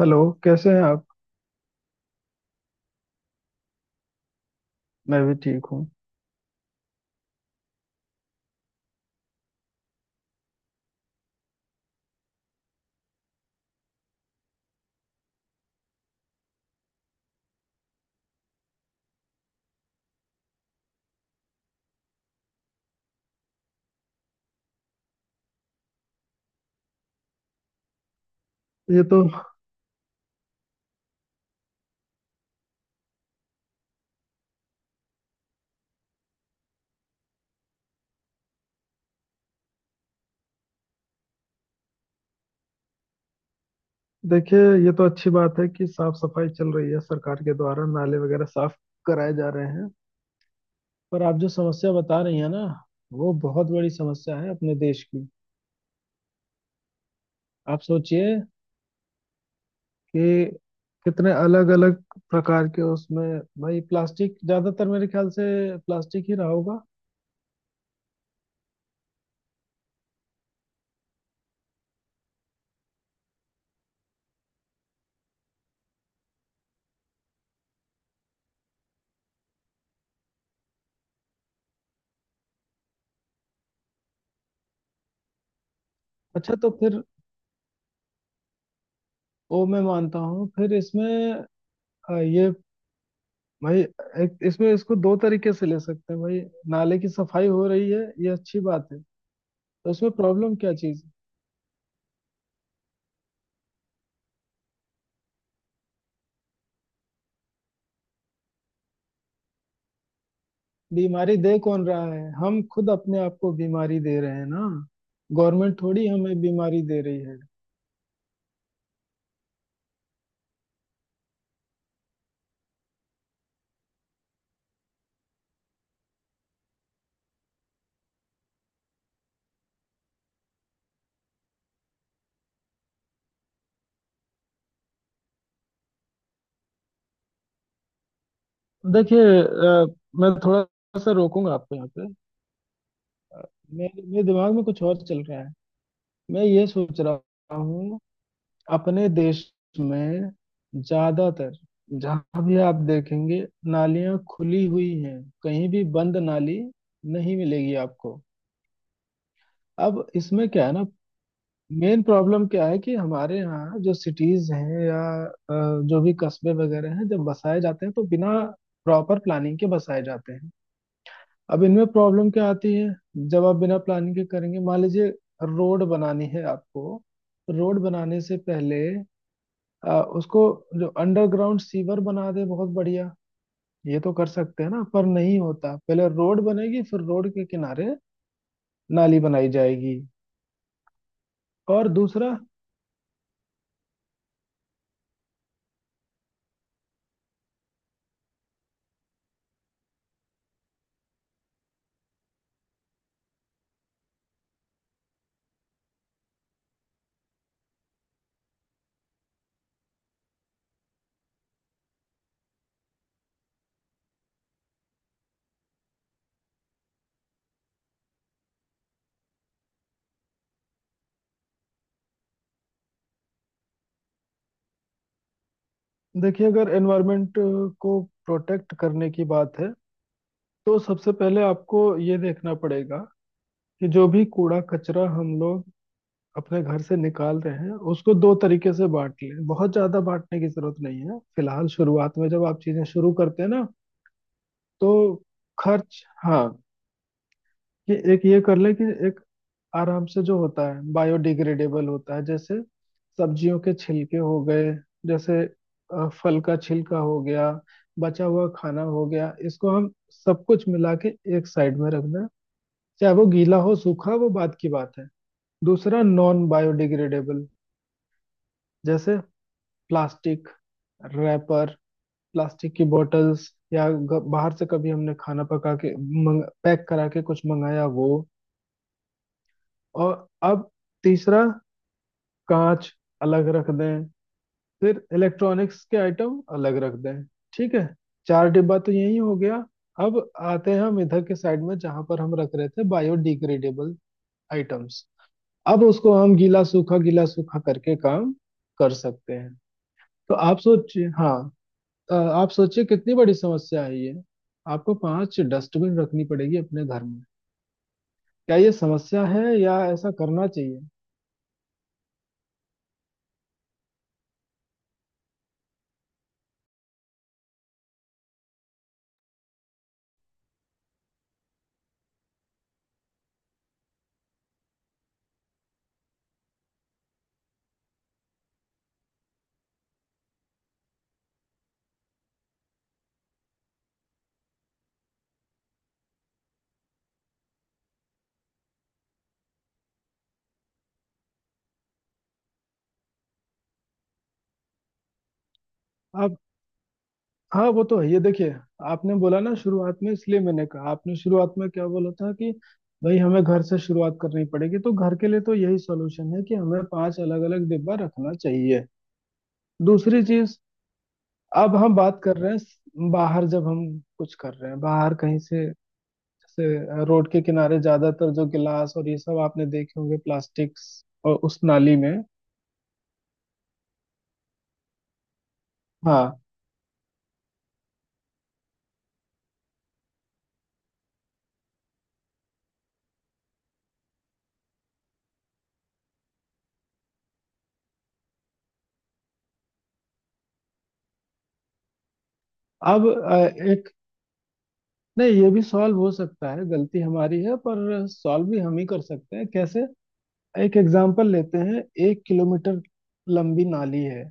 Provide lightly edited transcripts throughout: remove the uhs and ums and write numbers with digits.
Hello. कैसे हैं आप। मैं भी ठीक हूँ। ये तो देखिए, ये तो अच्छी बात है कि साफ सफाई चल रही है सरकार के द्वारा, नाले वगैरह साफ कराए जा रहे हैं। पर आप जो समस्या बता रही हैं ना, वो बहुत बड़ी समस्या है अपने देश की। आप सोचिए कि कितने अलग अलग प्रकार के उसमें, भाई प्लास्टिक ज्यादातर, मेरे ख्याल से प्लास्टिक ही रहा होगा। अच्छा तो फिर, वो मैं मानता हूँ, फिर इसमें ये भाई, एक इसमें इसको दो तरीके से ले सकते हैं भाई। नाले की सफाई हो रही है, ये अच्छी बात है। तो इसमें प्रॉब्लम क्या चीज़ है? बीमारी दे कौन रहा है? हम खुद अपने आप को बीमारी दे रहे हैं ना। गवर्नमेंट थोड़ी हमें बीमारी दे रही है। देखिए, मैं थोड़ा सा रोकूंगा आपको यहाँ पे। अ, मेरे मेरे दिमाग में कुछ और चल रहा है। मैं ये सोच रहा हूँ, अपने देश में ज्यादातर जहां भी आप देखेंगे, नालियां खुली हुई हैं, कहीं भी बंद नाली नहीं मिलेगी आपको। अब इसमें क्या है ना, मेन प्रॉब्लम क्या है कि हमारे यहाँ जो सिटीज हैं या जो भी कस्बे वगैरह हैं, जब बसाए जाते हैं तो बिना प्रॉपर प्लानिंग के बसाए जाते हैं। अब इनमें प्रॉब्लम क्या आती है जब आप बिना प्लानिंग के करेंगे? मान लीजिए रोड बनानी है आपको, रोड बनाने से पहले उसको, जो अंडरग्राउंड सीवर बना दे, बहुत बढ़िया। ये तो कर सकते हैं ना, पर नहीं होता। पहले रोड बनेगी, फिर रोड के किनारे नाली बनाई जाएगी। और दूसरा, देखिए अगर एनवायरमेंट को प्रोटेक्ट करने की बात है, तो सबसे पहले आपको ये देखना पड़ेगा कि जो भी कूड़ा कचरा हम लोग अपने घर से निकाल रहे हैं, उसको दो तरीके से बांट लें। बहुत ज्यादा बांटने की जरूरत नहीं है फिलहाल, शुरुआत में जब आप चीजें शुरू करते हैं ना, तो खर्च, हाँ। कि एक ये कर ले, कि एक आराम से जो होता है बायोडिग्रेडेबल होता है, जैसे सब्जियों के छिलके हो गए, जैसे फल का छिलका हो गया, बचा हुआ खाना हो गया, इसको हम सब कुछ मिला के एक साइड में रख दें। चाहे वो गीला हो सूखा, वो बात की बात है। दूसरा नॉन बायोडिग्रेडेबल, जैसे प्लास्टिक, रैपर, प्लास्टिक की बोतल्स, या बाहर से कभी हमने खाना पका के, पैक करा के कुछ मंगाया, वो। और अब तीसरा कांच अलग रख दें, फिर इलेक्ट्रॉनिक्स के आइटम अलग रख दें। ठीक है, चार डिब्बा तो यही हो गया। अब आते हैं हम इधर के साइड में, जहां पर हम रख रहे थे बायोडिग्रेडेबल आइटम्स। अब उसको हम गीला सूखा करके काम कर सकते हैं। तो आप सोचिए, हाँ, आप सोचिए कितनी बड़ी समस्या है ये। आपको पांच डस्टबिन रखनी पड़ेगी अपने घर में। क्या ये समस्या है या ऐसा करना चाहिए? आप, हाँ वो तो है, ये देखिए। आपने बोला ना शुरुआत में, इसलिए मैंने कहा, आपने शुरुआत में क्या बोला था कि भाई हमें घर से शुरुआत करनी पड़ेगी। तो घर के लिए तो यही सॉल्यूशन है कि हमें पांच अलग अलग डिब्बा रखना चाहिए। दूसरी चीज, अब हम बात कर रहे हैं बाहर, जब हम कुछ कर रहे हैं बाहर कहीं से। जैसे रोड के किनारे ज्यादातर जो गिलास और ये सब आपने देखे होंगे प्लास्टिक्स, और उस नाली में। हाँ। अब एक, नहीं, ये भी सॉल्व हो सकता है। गलती हमारी है पर सॉल्व भी हम ही कर सकते हैं। कैसे? एक एग्जाम्पल लेते हैं। 1 किलोमीटर लंबी नाली है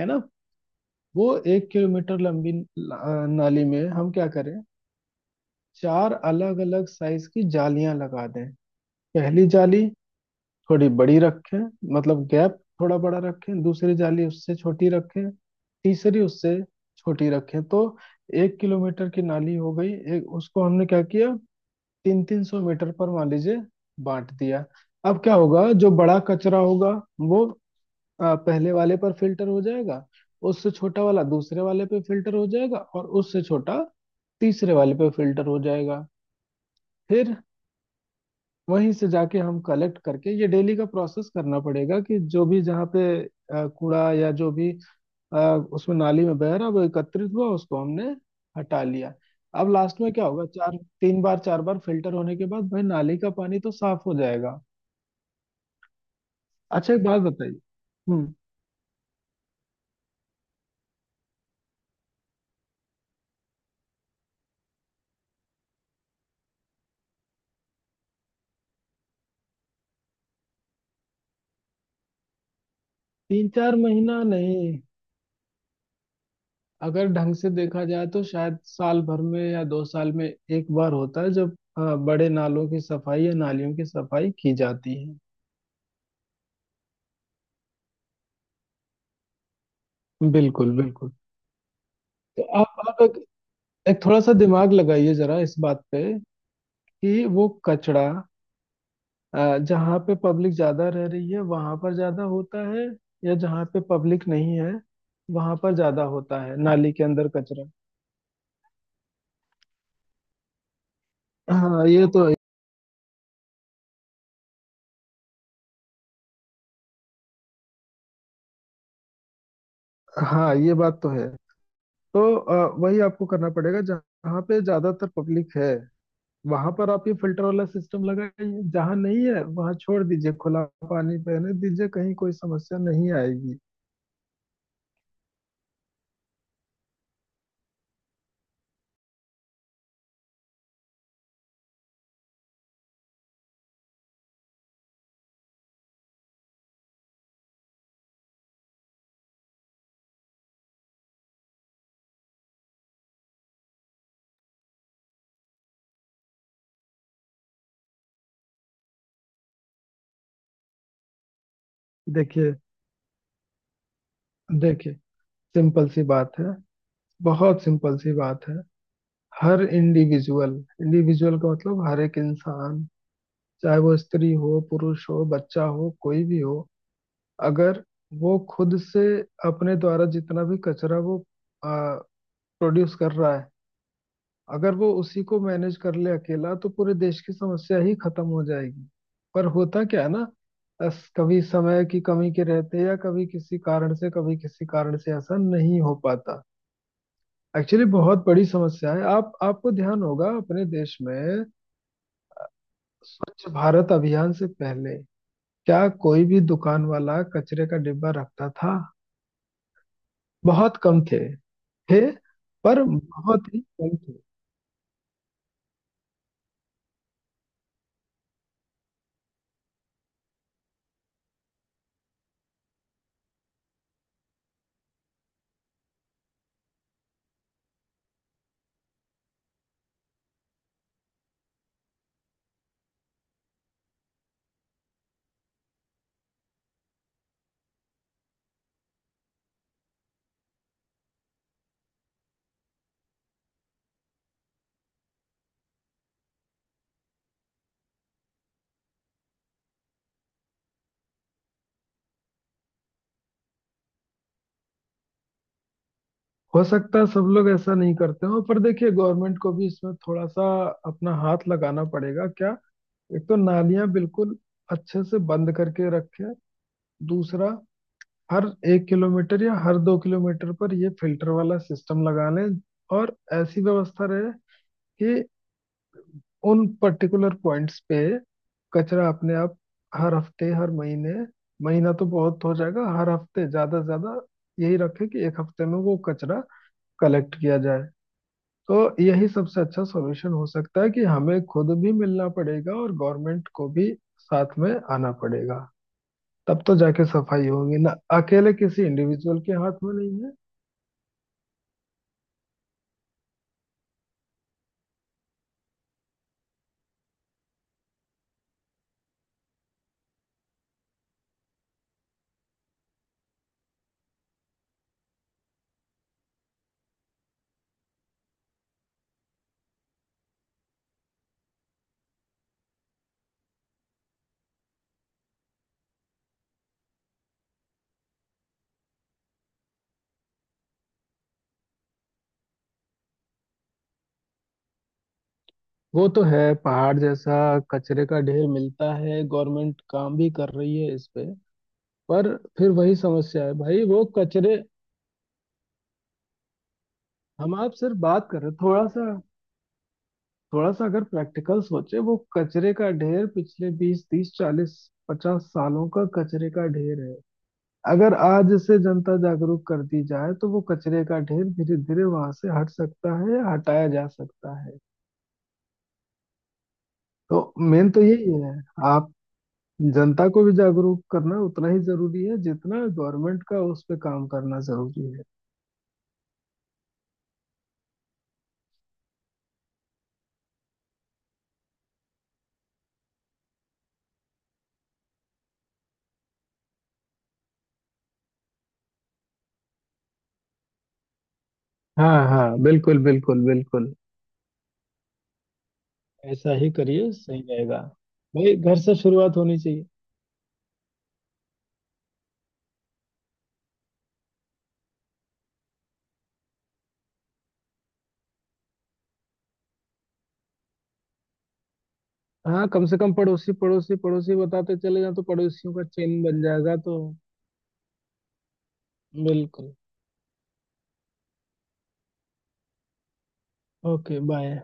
है ना। वो 1 किलोमीटर लंबी नाली में हम क्या करें? चार अलग अलग साइज की जालियां लगा दें। पहली जाली थोड़ी बड़ी रखें, मतलब गैप थोड़ा बड़ा रखें, दूसरी जाली उससे छोटी रखें, तीसरी उससे छोटी रखें। तो 1 किलोमीटर की नाली हो गई एक, उसको हमने क्या किया, तीन 300 मीटर पर मान लीजिए बांट दिया। अब क्या होगा, जो बड़ा कचरा होगा वो पहले वाले पर फिल्टर हो जाएगा, उससे छोटा वाला दूसरे वाले पे फिल्टर हो जाएगा, और उससे छोटा तीसरे वाले पे फिल्टर हो जाएगा। फिर वहीं से जाके हम कलेक्ट करके, ये डेली का प्रोसेस करना पड़ेगा कि जो भी जहाँ पे कूड़ा या जो भी उसमें नाली में बह रहा, वो एकत्रित हुआ, उसको हमने हटा लिया। अब लास्ट में क्या होगा, चार, तीन बार चार बार फिल्टर होने के बाद, भाई, नाली का पानी तो साफ हो जाएगा। अच्छा एक बात बताइए। हम्म। 3-4 महीना नहीं, अगर ढंग से देखा जाए तो शायद साल भर में या 2 साल में एक बार होता है, जब बड़े नालों की सफाई या नालियों की सफाई की जाती है। बिल्कुल बिल्कुल। तो आप एक थोड़ा सा दिमाग लगाइए जरा इस बात पे, कि वो कचरा जहाँ पे पब्लिक ज्यादा रह रही है वहां पर ज्यादा होता है, या जहाँ पे पब्लिक नहीं है वहां पर ज्यादा होता है नाली के अंदर कचरा? हाँ ये तो है। हाँ ये बात तो है। तो वही आपको करना पड़ेगा, जहाँ पे ज्यादातर पब्लिक है वहां पर आप ये फिल्टर वाला सिस्टम लगाइए, जहां नहीं है वहां छोड़ दीजिए खुला, पानी बहने दीजिए, कहीं कोई समस्या नहीं आएगी। देखिए देखिए सिंपल सी बात है, बहुत सिंपल सी बात है। हर इंडिविजुअल, इंडिविजुअल का मतलब हर एक इंसान, चाहे वो स्त्री हो पुरुष हो बच्चा हो कोई भी हो, अगर वो खुद से अपने द्वारा जितना भी कचरा वो प्रोड्यूस कर रहा है, अगर वो उसी को मैनेज कर ले अकेला, तो पूरे देश की समस्या ही खत्म हो जाएगी। पर होता क्या है ना, अस कभी समय की कमी के रहते, या कभी किसी कारण से, कभी किसी कारण से ऐसा नहीं हो पाता। एक्चुअली बहुत बड़ी समस्या है। आप, आपको ध्यान होगा अपने देश में, स्वच्छ भारत अभियान से पहले क्या कोई भी दुकान वाला कचरे का डिब्बा रखता था? बहुत कम थे। पर बहुत ही कम थे। हो सकता है सब लोग ऐसा नहीं करते हो, पर देखिए गवर्नमेंट को भी इसमें थोड़ा सा अपना हाथ लगाना पड़ेगा क्या। एक तो नालियां बिल्कुल अच्छे से बंद करके रखें, दूसरा हर 1 किलोमीटर या हर 2 किलोमीटर पर ये फिल्टर वाला सिस्टम लगा लें। और ऐसी व्यवस्था रहे कि उन पर्टिकुलर पॉइंट्स पे कचरा अपने आप हर हफ्ते, हर महीने, महीना तो बहुत हो जाएगा, हर हफ्ते ज्यादा से ज्यादा, यही रखें कि एक हफ्ते में वो कचरा कलेक्ट किया जाए। तो यही सबसे अच्छा सॉल्यूशन हो सकता है, कि हमें खुद भी मिलना पड़ेगा और गवर्नमेंट को भी साथ में आना पड़ेगा। तब तो जाके सफाई होगी ना, अकेले किसी इंडिविजुअल के हाथ में नहीं है। वो तो है, पहाड़ जैसा कचरे का ढेर मिलता है, गवर्नमेंट काम भी कर रही है इस पे, पर फिर वही समस्या है भाई, वो कचरे। हम आप सिर्फ बात कर रहे हैं, थोड़ा सा अगर प्रैक्टिकल सोचे, वो कचरे का ढेर पिछले 20, 30, 40, 50 सालों का कचरे का ढेर है। अगर आज से जनता जागरूक कर दी जाए तो वो कचरे का ढेर धीरे धीरे वहां से हट सकता है या हटाया जा सकता है। तो मेन तो यही है। आप, जनता को भी जागरूक करना उतना ही जरूरी है, जितना गवर्नमेंट का उस पर काम करना जरूरी है। हाँ हाँ, बिल्कुल बिल्कुल बिल्कुल। ऐसा ही करिए, सही रहेगा। भाई घर से शुरुआत होनी चाहिए। हाँ कम से कम, पड़ोसी पड़ोसी पड़ोसी बताते चले जाओ, तो पड़ोसियों का चेन बन जाएगा, तो। बिल्कुल। Okay, bye.